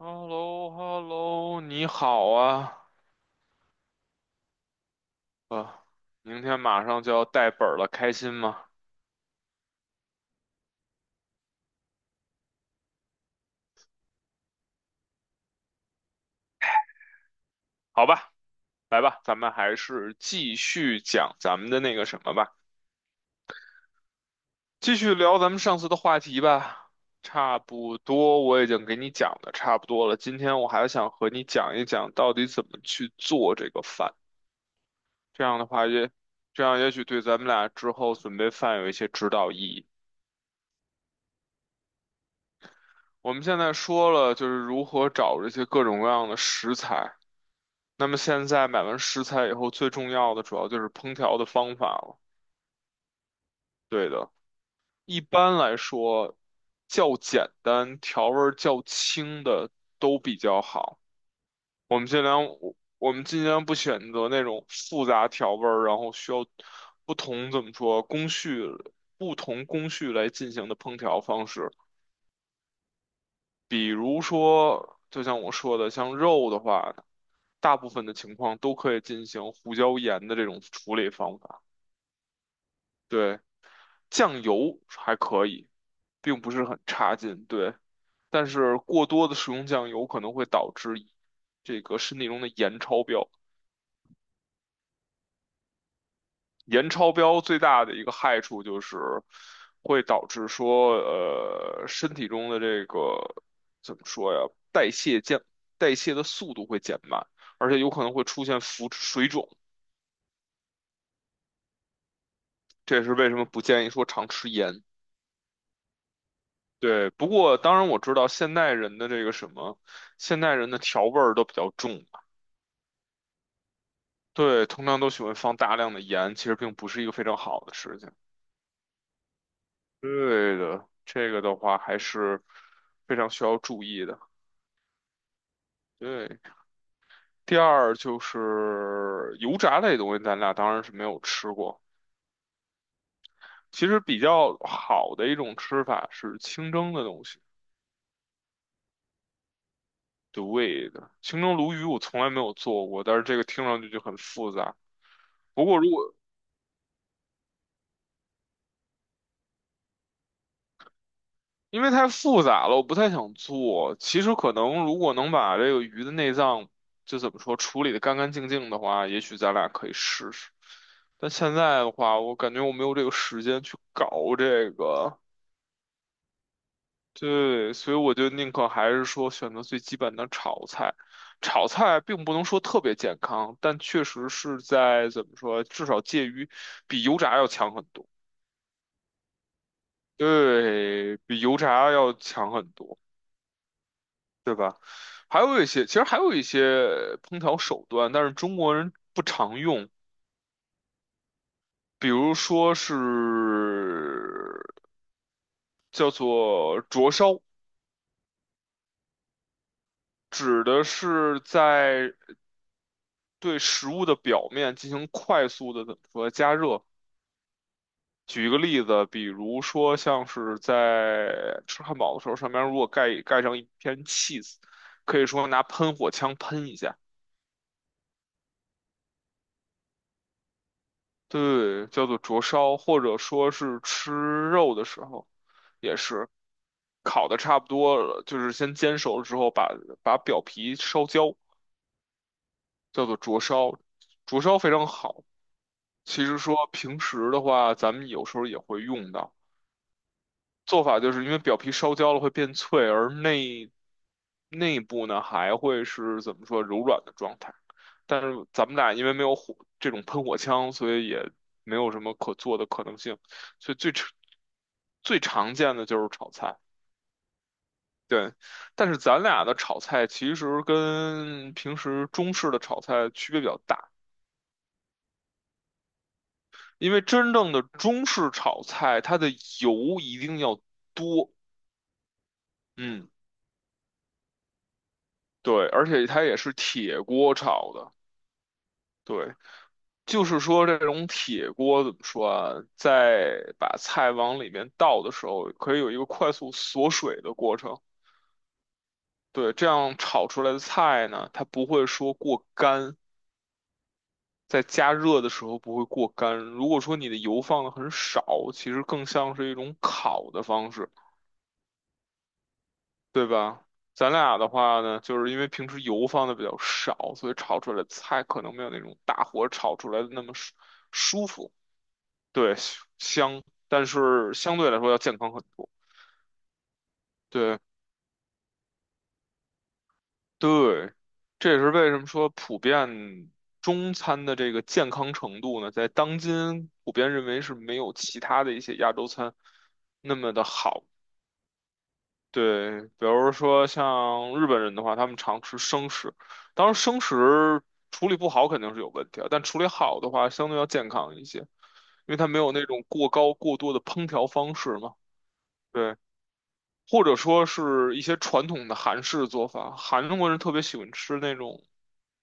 h e l l o h e l l o 你好啊，啊，明天马上就要带本儿了，开心吗？好吧，来吧，咱们还是继续讲咱们的那个什么吧，继续聊咱们上次的话题吧。差不多，我已经给你讲的差不多了。今天我还想和你讲一讲到底怎么去做这个饭，这样的话也，这样也许对咱们俩之后准备饭有一些指导意义。我们现在说了，就是如何找这些各种各样的食材。那么现在买完食材以后，最重要的主要就是烹调的方法了。对的，一般来说，较简单、调味儿较轻的都比较好。我们尽量不选择那种复杂调味儿，然后需要不同怎么说工序、不同工序来进行的烹调方式。比如说，就像我说的，像肉的话，大部分的情况都可以进行胡椒盐的这种处理方法。对。酱油还可以，并不是很差劲，对。但是过多的食用酱油可能会导致这个身体中的盐超标。盐超标最大的一个害处就是会导致说，身体中的这个怎么说呀，代谢降，代谢的速度会减慢，而且有可能会出现浮水肿。这也是为什么不建议说常吃盐。对，不过当然我知道现代人的这个什么，现代人的调味儿都比较重，对，通常都喜欢放大量的盐，其实并不是一个非常好的事情。对的，这个的话还是非常需要注意的。对，第二就是油炸类东西，咱俩当然是没有吃过。其实比较好的一种吃法是清蒸的东西。对的，清蒸鲈鱼我从来没有做过，但是这个听上去就很复杂。不过如果因为太复杂了，我不太想做。其实可能如果能把这个鱼的内脏，就怎么说，处理的干干净净的话，也许咱俩可以试试。但现在的话，我感觉我没有这个时间去搞这个，对，所以我就宁可还是说选择最基本的炒菜。炒菜并不能说特别健康，但确实是在怎么说，至少介于比油炸要强很多，对，比油炸要强很多。对吧？还有一些，其实还有一些烹调手段，但是中国人不常用，比如说是叫做灼烧，指的是在对食物的表面进行快速的怎么说加热。举一个例子，比如说像是在吃汉堡的时候，上面如果盖上一片 cheese，可以说拿喷火枪喷一下。对，叫做灼烧，或者说是吃肉的时候，也是烤的差不多了，就是先煎熟了之后把，把表皮烧焦，叫做灼烧。灼烧非常好。其实说平时的话，咱们有时候也会用到。做法就是因为表皮烧焦了会变脆，而内部呢还会是怎么说柔软的状态。但是咱们俩因为没有火这种喷火枪，所以也没有什么可做的可能性。所以最常见的就是炒菜，对。但是咱俩的炒菜其实跟平时中式的炒菜区别比较大，因为真正的中式炒菜，它的油一定要多，嗯，对，而且它也是铁锅炒的。对，就是说这种铁锅怎么说啊，在把菜往里面倒的时候，可以有一个快速锁水的过程。对，这样炒出来的菜呢，它不会说过干，在加热的时候不会过干。如果说你的油放的很少，其实更像是一种烤的方式，对吧？咱俩的话呢，就是因为平时油放的比较少，所以炒出来的菜可能没有那种大火炒出来的那么舒服。对，香，但是相对来说要健康很多。对对，这也是为什么说普遍中餐的这个健康程度呢，在当今普遍认为是没有其他的一些亚洲餐那么的好。对，比如说像日本人的话，他们常吃生食，当然生食处理不好肯定是有问题啊，但处理好的话，相对要健康一些，因为它没有那种过高过多的烹调方式嘛。对。或者说是一些传统的韩式做法，韩国人特别喜欢吃那种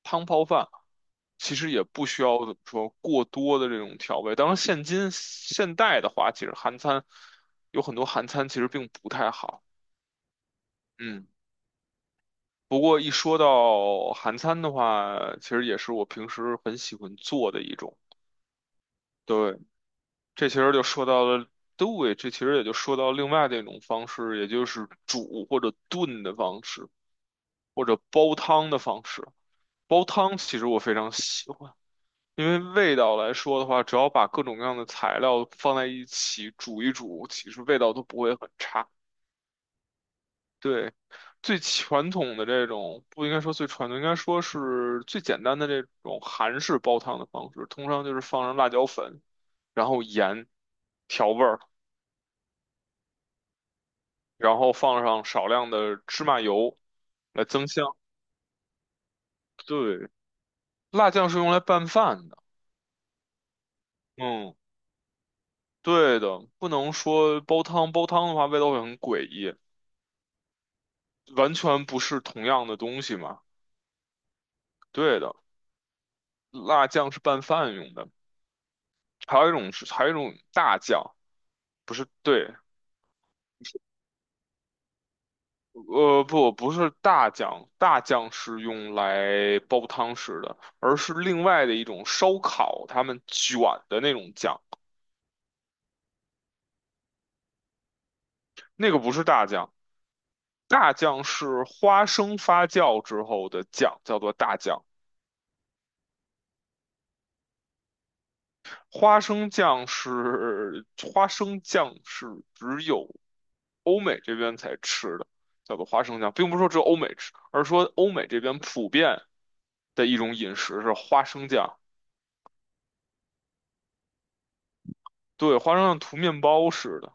汤泡饭，其实也不需要怎么说过多的这种调味。当然，现今现代的话，其实韩餐有很多韩餐其实并不太好，嗯。不过一说到韩餐的话，其实也是我平时很喜欢做的一种。对，这其实就说到了，对，这其实也就说到另外的一种方式，也就是煮或者炖的方式。或者煲汤的方式。煲汤其实我非常喜欢，因为味道来说的话，只要把各种各样的材料放在一起煮一煮，其实味道都不会很差。对，最传统的这种，不应该说最传统，应该说是最简单的这种韩式煲汤的方式，通常就是放上辣椒粉，然后盐调味儿，然后放上少量的芝麻油来增香。对，辣酱是用来拌饭的。嗯。对的，不能说煲汤，煲汤的话味道会很诡异，完全不是同样的东西嘛。对的，辣酱是拌饭用的，还有一种是还有一种大酱，不是，对，不是大酱，大酱是用来煲汤吃的，而是另外的一种烧烤，他们卷的那种酱，那个不是大酱，大酱是花生发酵之后的酱，叫做大酱。花生酱是花生酱是只有欧美这边才吃的，叫做花生酱，并不是说只有欧美吃，而是说欧美这边普遍的一种饮食是花生酱。对，花生酱涂面包似的，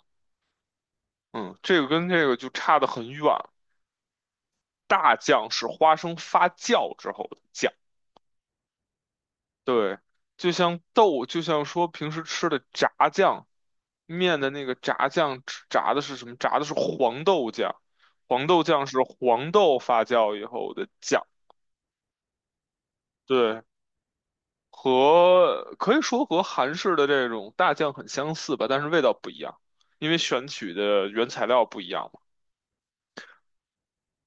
嗯，这个跟这个就差得很远。大酱是花生发酵之后的酱，对，就像豆，就像说平时吃的炸酱面的那个炸酱，吃炸的是什么？炸的是黄豆酱，黄豆酱是黄豆发酵以后的酱。对，和可以说和韩式的这种大酱很相似吧，但是味道不一样，因为选取的原材料不一样嘛。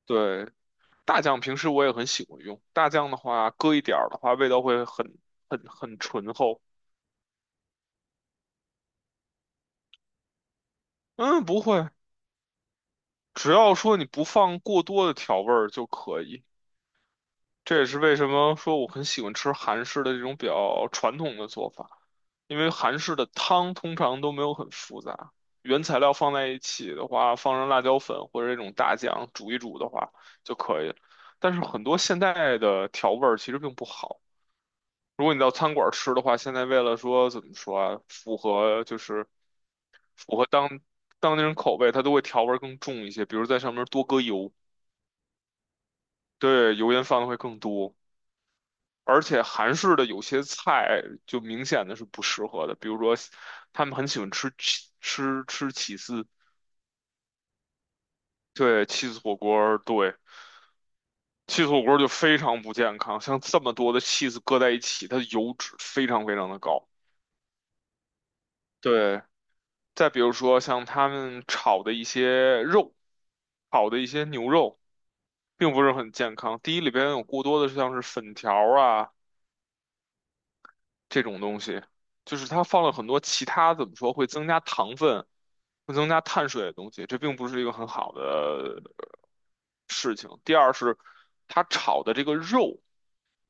对，大酱平时我也很喜欢用，大酱的话搁一点儿的话，味道会很很醇厚。嗯，不会，只要说你不放过多的调味儿就可以。这也是为什么说我很喜欢吃韩式的这种比较传统的做法，因为韩式的汤通常都没有很复杂，原材料放在一起的话，放上辣椒粉或者这种大酱煮一煮的话就可以了。但是很多现代的调味儿其实并不好。如果你到餐馆吃的话，现在为了说怎么说啊，符合就是符合当当地人口味，它都会调味儿更重一些，比如在上面多搁油。对，油烟放的会更多，而且韩式的有些菜就明显的是不适合的，比如说他们很喜欢吃起司，对起司火锅儿就非常不健康，像这么多的起司搁在一起，它的油脂非常非常的高。对，再比如说像他们炒的一些肉，炒的一些牛肉，并不是很健康。第一里边有过多的像是粉条儿啊，这种东西，就是它放了很多其他怎么说会增加糖分、会增加碳水的东西，这并不是一个很好的事情。第二是，它炒的这个肉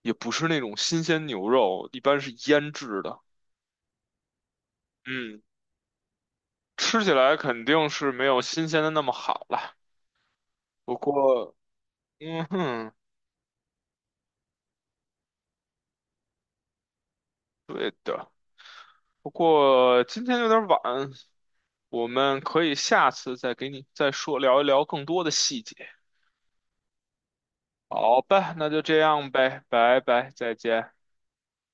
也不是那种新鲜牛肉，一般是腌制的，嗯，吃起来肯定是没有新鲜的那么好了。不过，嗯哼，对的。不过今天有点晚，我们可以下次再给你再说聊一聊更多的细节。好吧，那就这样呗，拜拜，再见。